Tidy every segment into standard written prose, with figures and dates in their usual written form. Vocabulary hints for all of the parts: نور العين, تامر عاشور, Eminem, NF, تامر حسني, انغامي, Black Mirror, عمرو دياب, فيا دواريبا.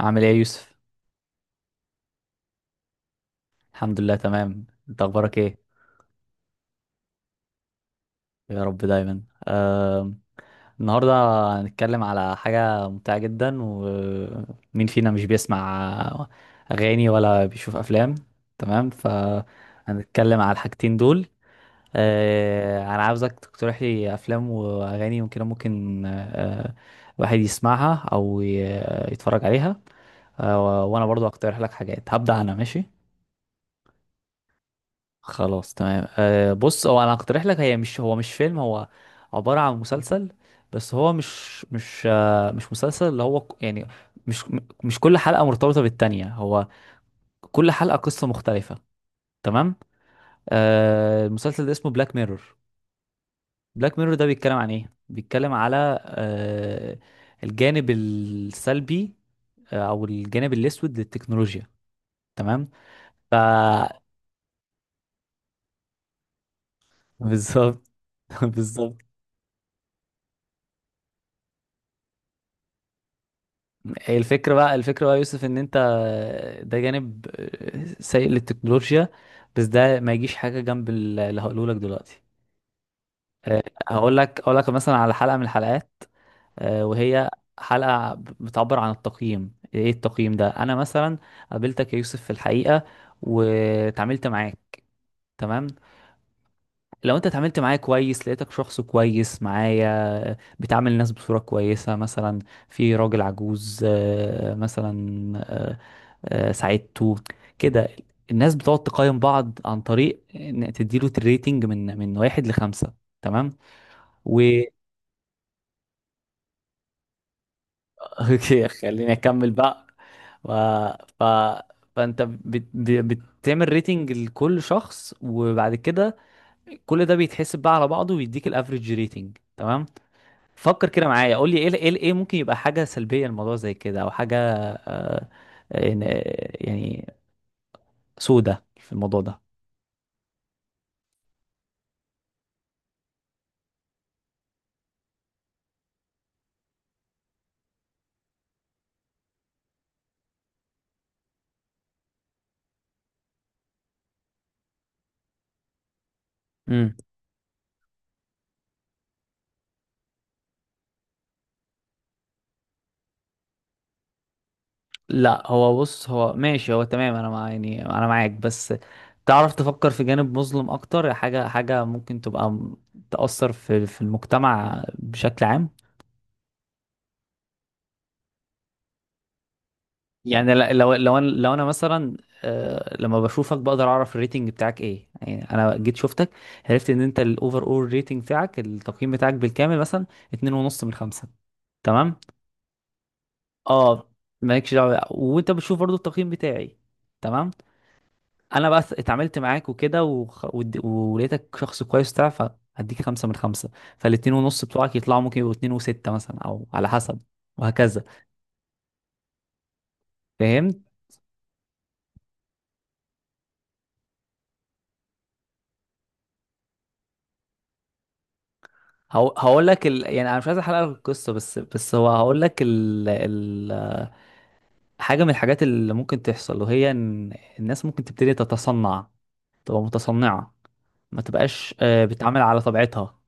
عامل ايه يا يوسف؟ الحمد لله، تمام. انت اخبارك ايه؟ يا رب دايما. آه، النهارده هنتكلم على حاجه ممتعه جدا. ومين فينا مش بيسمع اغاني ولا بيشوف افلام؟ تمام، فهنتكلم على الحاجتين دول. انا عاوزك تقترح لي افلام واغاني ممكن الواحد يسمعها او يتفرج عليها. وانا برضو هقترح لك حاجات، هبدأ انا ماشي. خلاص، تمام. بص، هو انا هقترح لك، هي مش هو مش فيلم، هو عبارة عن مسلسل. بس هو مش مسلسل اللي هو يعني مش مش كل حلقة مرتبطة بالتانية، هو كل حلقة قصة مختلفة. تمام. المسلسل ده اسمه بلاك ميرور. بلاك ميرور ده بيتكلم عن ايه؟ بيتكلم على أه الجانب السلبي، او الجانب الاسود للتكنولوجيا. تمام. ف اه بالظبط. بالظبط. هي الفكرة بقى يا يوسف، ان انت ده جانب سيء للتكنولوجيا، بس ده ما يجيش حاجة جنب اللي هقوله لك دلوقتي. أه، هقول لك اقول لك مثلا على حلقة من الحلقات. وهي حلقة بتعبر عن التقييم. ايه التقييم ده؟ انا مثلا قابلتك يا يوسف في الحقيقة، وتعاملت معاك. تمام. لو انت اتعاملت معايا كويس، لقيتك شخص كويس معايا، بتعامل الناس بصورة كويسة مثلا. في راجل عجوز، مثلا، آه، ساعدته كده. الناس بتقعد تقيم بعض عن طريق ان تديله الريتنج من واحد لخمسة. تمام. و اوكي، خليني اكمل بقى. و... ف... فانت بتعمل ريتنج لكل شخص، وبعد كده كل ده بيتحسب بقى على بعضه، ويديك الافريج ريتنج. تمام. فكر كده معايا، قول لي ايه ممكن يبقى حاجه سلبيه الموضوع زي كده، او حاجه إن- يعني سودة في الموضوع ده. امم. لا، هو بص، هو ماشي، هو تمام. انا مع يعني انا معاك، بس تعرف تفكر في جانب مظلم اكتر، حاجه ممكن تبقى تأثر في المجتمع بشكل عام. يعني لو انا مثلا، لما بشوفك بقدر اعرف الريتنج بتاعك ايه. يعني انا جيت شفتك، عرفت ان انت الاوفر اول ريتنج بتاعك، التقييم بتاعك بالكامل مثلا اتنين ونص من خمسة. تمام. اه، مالكش دعوه بقى. وانت بتشوف برضو التقييم بتاعي. تمام. انا بقى اتعاملت معاك وكده، ولقيتك شخص كويس بتاع، فهديك خمسة من خمسة. فالاتنين ونص بتوعك يطلعوا، ممكن يبقوا اتنين وستة مثلا، او على حسب. وهكذا. فهمت. هقول لك يعني انا مش عايز احرق لك القصة. بس هو هقول لك حاجة من الحاجات اللي ممكن تحصل، وهي ان الناس ممكن تبتدي تتصنع، تبقى متصنعة، ما تبقاش بتتعامل على طبيعتها.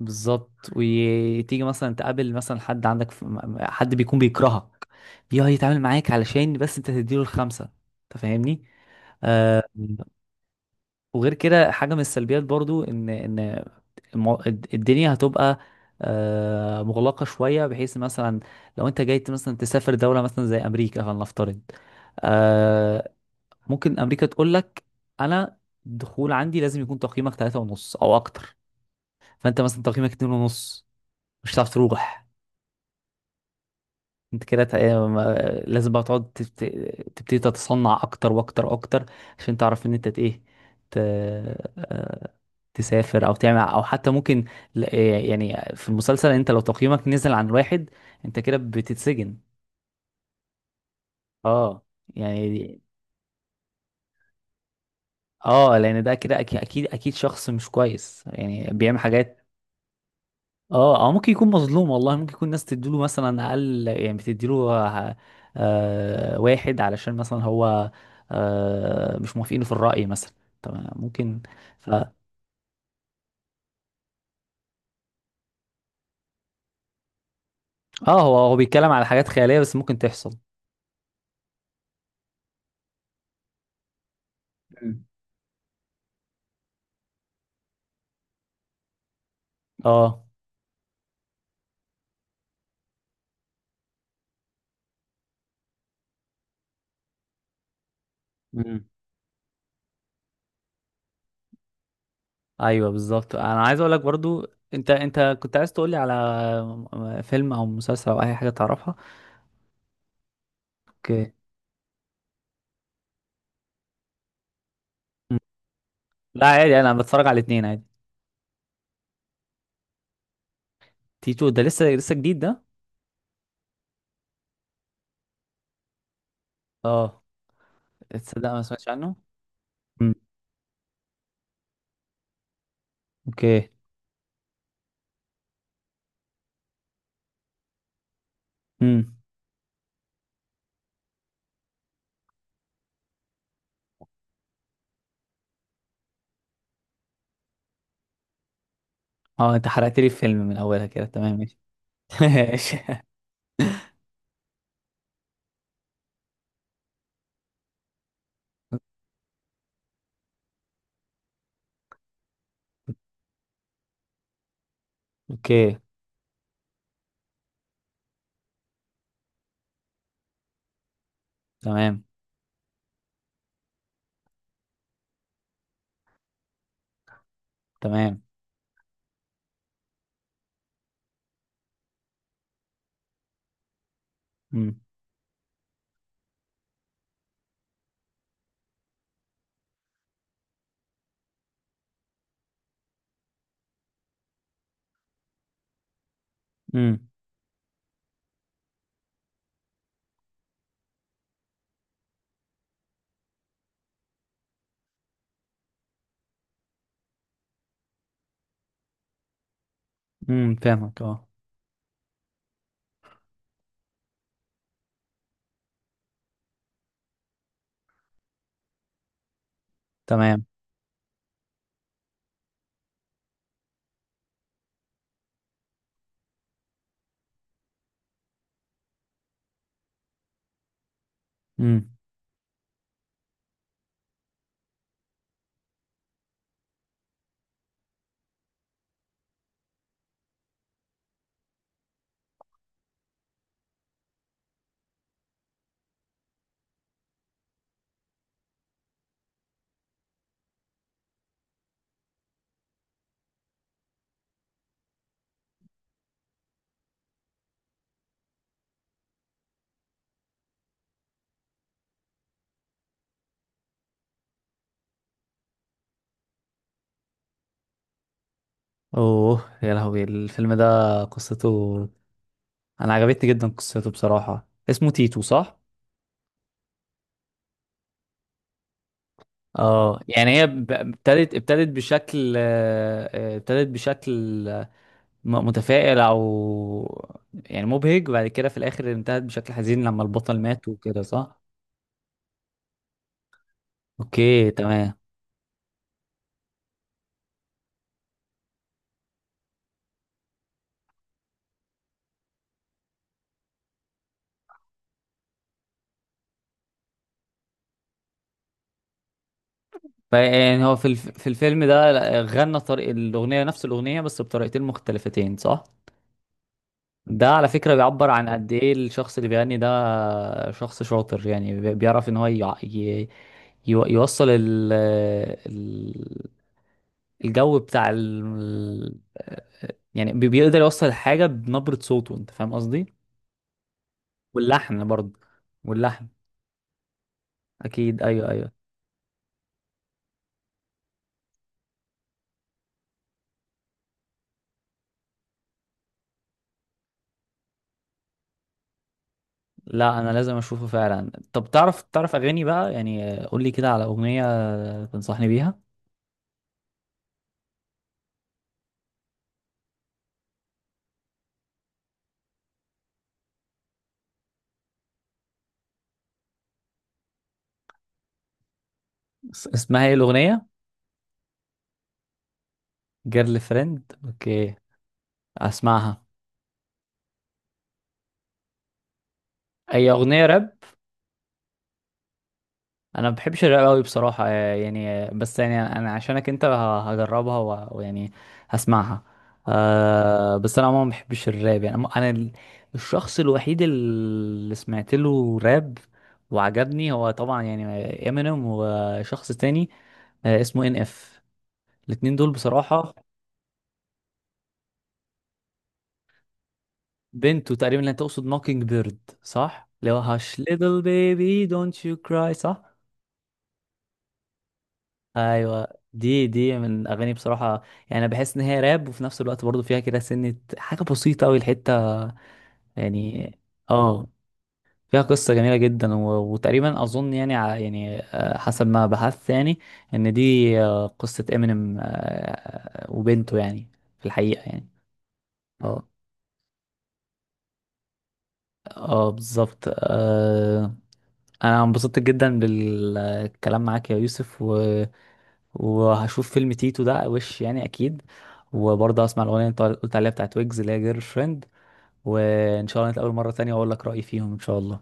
بالظبط. وتيجي مثلا تقابل مثلا حد عندك حد بيكون بيكرهك، بيقعد يتعامل معاك علشان بس انت تديله الخمسة. انت فاهمني؟ آه وغير كده، حاجة من السلبيات برضو ان الدنيا هتبقى مغلقة شوية، بحيث مثلا لو انت جاي مثلا تسافر دولة مثلا زي امريكا فلنفترض. آه ممكن امريكا تقول لك: انا الدخول عندي لازم يكون تقييمك ثلاثة ونص او اكتر. فانت مثلا تقييمك اتنين ونص، مش هتعرف تروح. انت كده لازم بقى تقعد تبتدي تتصنع اكتر واكتر اكتر، عشان تعرف ان انت ايه، ت... آه، تسافر او تعمل، او حتى ممكن يعني في المسلسل، انت لو تقييمك نزل عن واحد انت كده بتتسجن. اه، يعني. اه، لان ده كده اكيد اكيد اكيد شخص مش كويس، يعني بيعمل حاجات. اه، او ممكن يكون مظلوم والله، ممكن يكون ناس تديله مثلا اقل، يعني بتديله واحد علشان مثلا هو مش موافقينه في الرأي مثلا. طب ممكن. ف... اه هو بيتكلم على حاجات خيالية، بس ممكن تحصل. مم. اه. مم. ايوه، بالظبط. انا عايز اقول لك برضو، انت كنت عايز تقول لي على فيلم او مسلسل او اي حاجة تعرفها. اوكي. مم. لا، عادي، انا بتفرج على الاثنين عادي. تيتو ده لسه لسه جديد ده؟ اه، تصدق ما سمعتش عنه. مم. اوكي. امم. اه، انت حرقت لي الفيلم من اولها كده. تمام، ماشي. ماشي. اوكي، تمام. تمام. امم، امم، امم، فاهمك، اه. تمام. امم. اوه يا لهوي، الفيلم ده قصته، انا عجبتني جدا قصته بصراحة. اسمه تيتو، صح؟ اه، يعني هي ابتدت بشكل ابتدت بشكل متفائل، او يعني مبهج، وبعد كده في الاخر انتهت بشكل حزين لما البطل مات وكده، صح؟ اوكي، تمام. يعني هو في الفيلم ده، لا، غنى طريق الأغنية، نفس الأغنية بس بطريقتين مختلفتين، صح؟ ده على فكرة بيعبر عن قد إيه الشخص اللي بيغني ده شخص شاطر، يعني بيعرف إن هو يوصل ال- الجو بتاع يعني بيقدر يوصل الحاجة بنبرة صوته. أنت فاهم قصدي؟ واللحن برضه. واللحن. أكيد، أيوه، أيوه. لا، انا لازم اشوفه فعلا. طب تعرف اغاني بقى، يعني قول لي كده على اغنيه تنصحني بيها. اسمها ايه الاغنيه؟ جيرل فريند، اوكي. اسمعها. اي، اغنيه راب؟ انا ما بحبش الراب قوي بصراحه، يعني، بس يعني انا عشانك انت هجربها، ويعني هسمعها. بس انا عموما ما بحبش الراب. يعني انا، الشخص الوحيد اللي سمعت له راب وعجبني هو طبعا، يعني امينيم وشخص تاني، اسمه NF. الاتنين دول بصراحة بنت. وتقريبا اللي هتقصد ماكينج بيرد، صح؟ اللي هو هاش، little baby don't you cry، صح؟ ايوه، دي من اغاني بصراحة. يعني انا بحس ان هي راب، وفي نفس الوقت برضو فيها كده سنة حاجة بسيطة قوي الحتة، يعني. اه. فيها قصة جميلة جدا، وتقريبا اظن، يعني يعني حسب ما بحثت، يعني ان دي قصة امينيم وبنته، يعني في الحقيقة يعني. اه، اه، بالظبط. انا انبسطت جدا بالكلام معاك يا يوسف، وهشوف فيلم تيتو ده، وش يعني اكيد. وبرضه هسمع الاغنيه اللي انت قلت عليها بتاعت ويجز، اللي هي جيرل فريند. وان شاء الله نتقابل مره تانية، واقول لك رايي فيهم. ان شاء الله، ان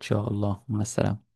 شاء الله. مع السلامه.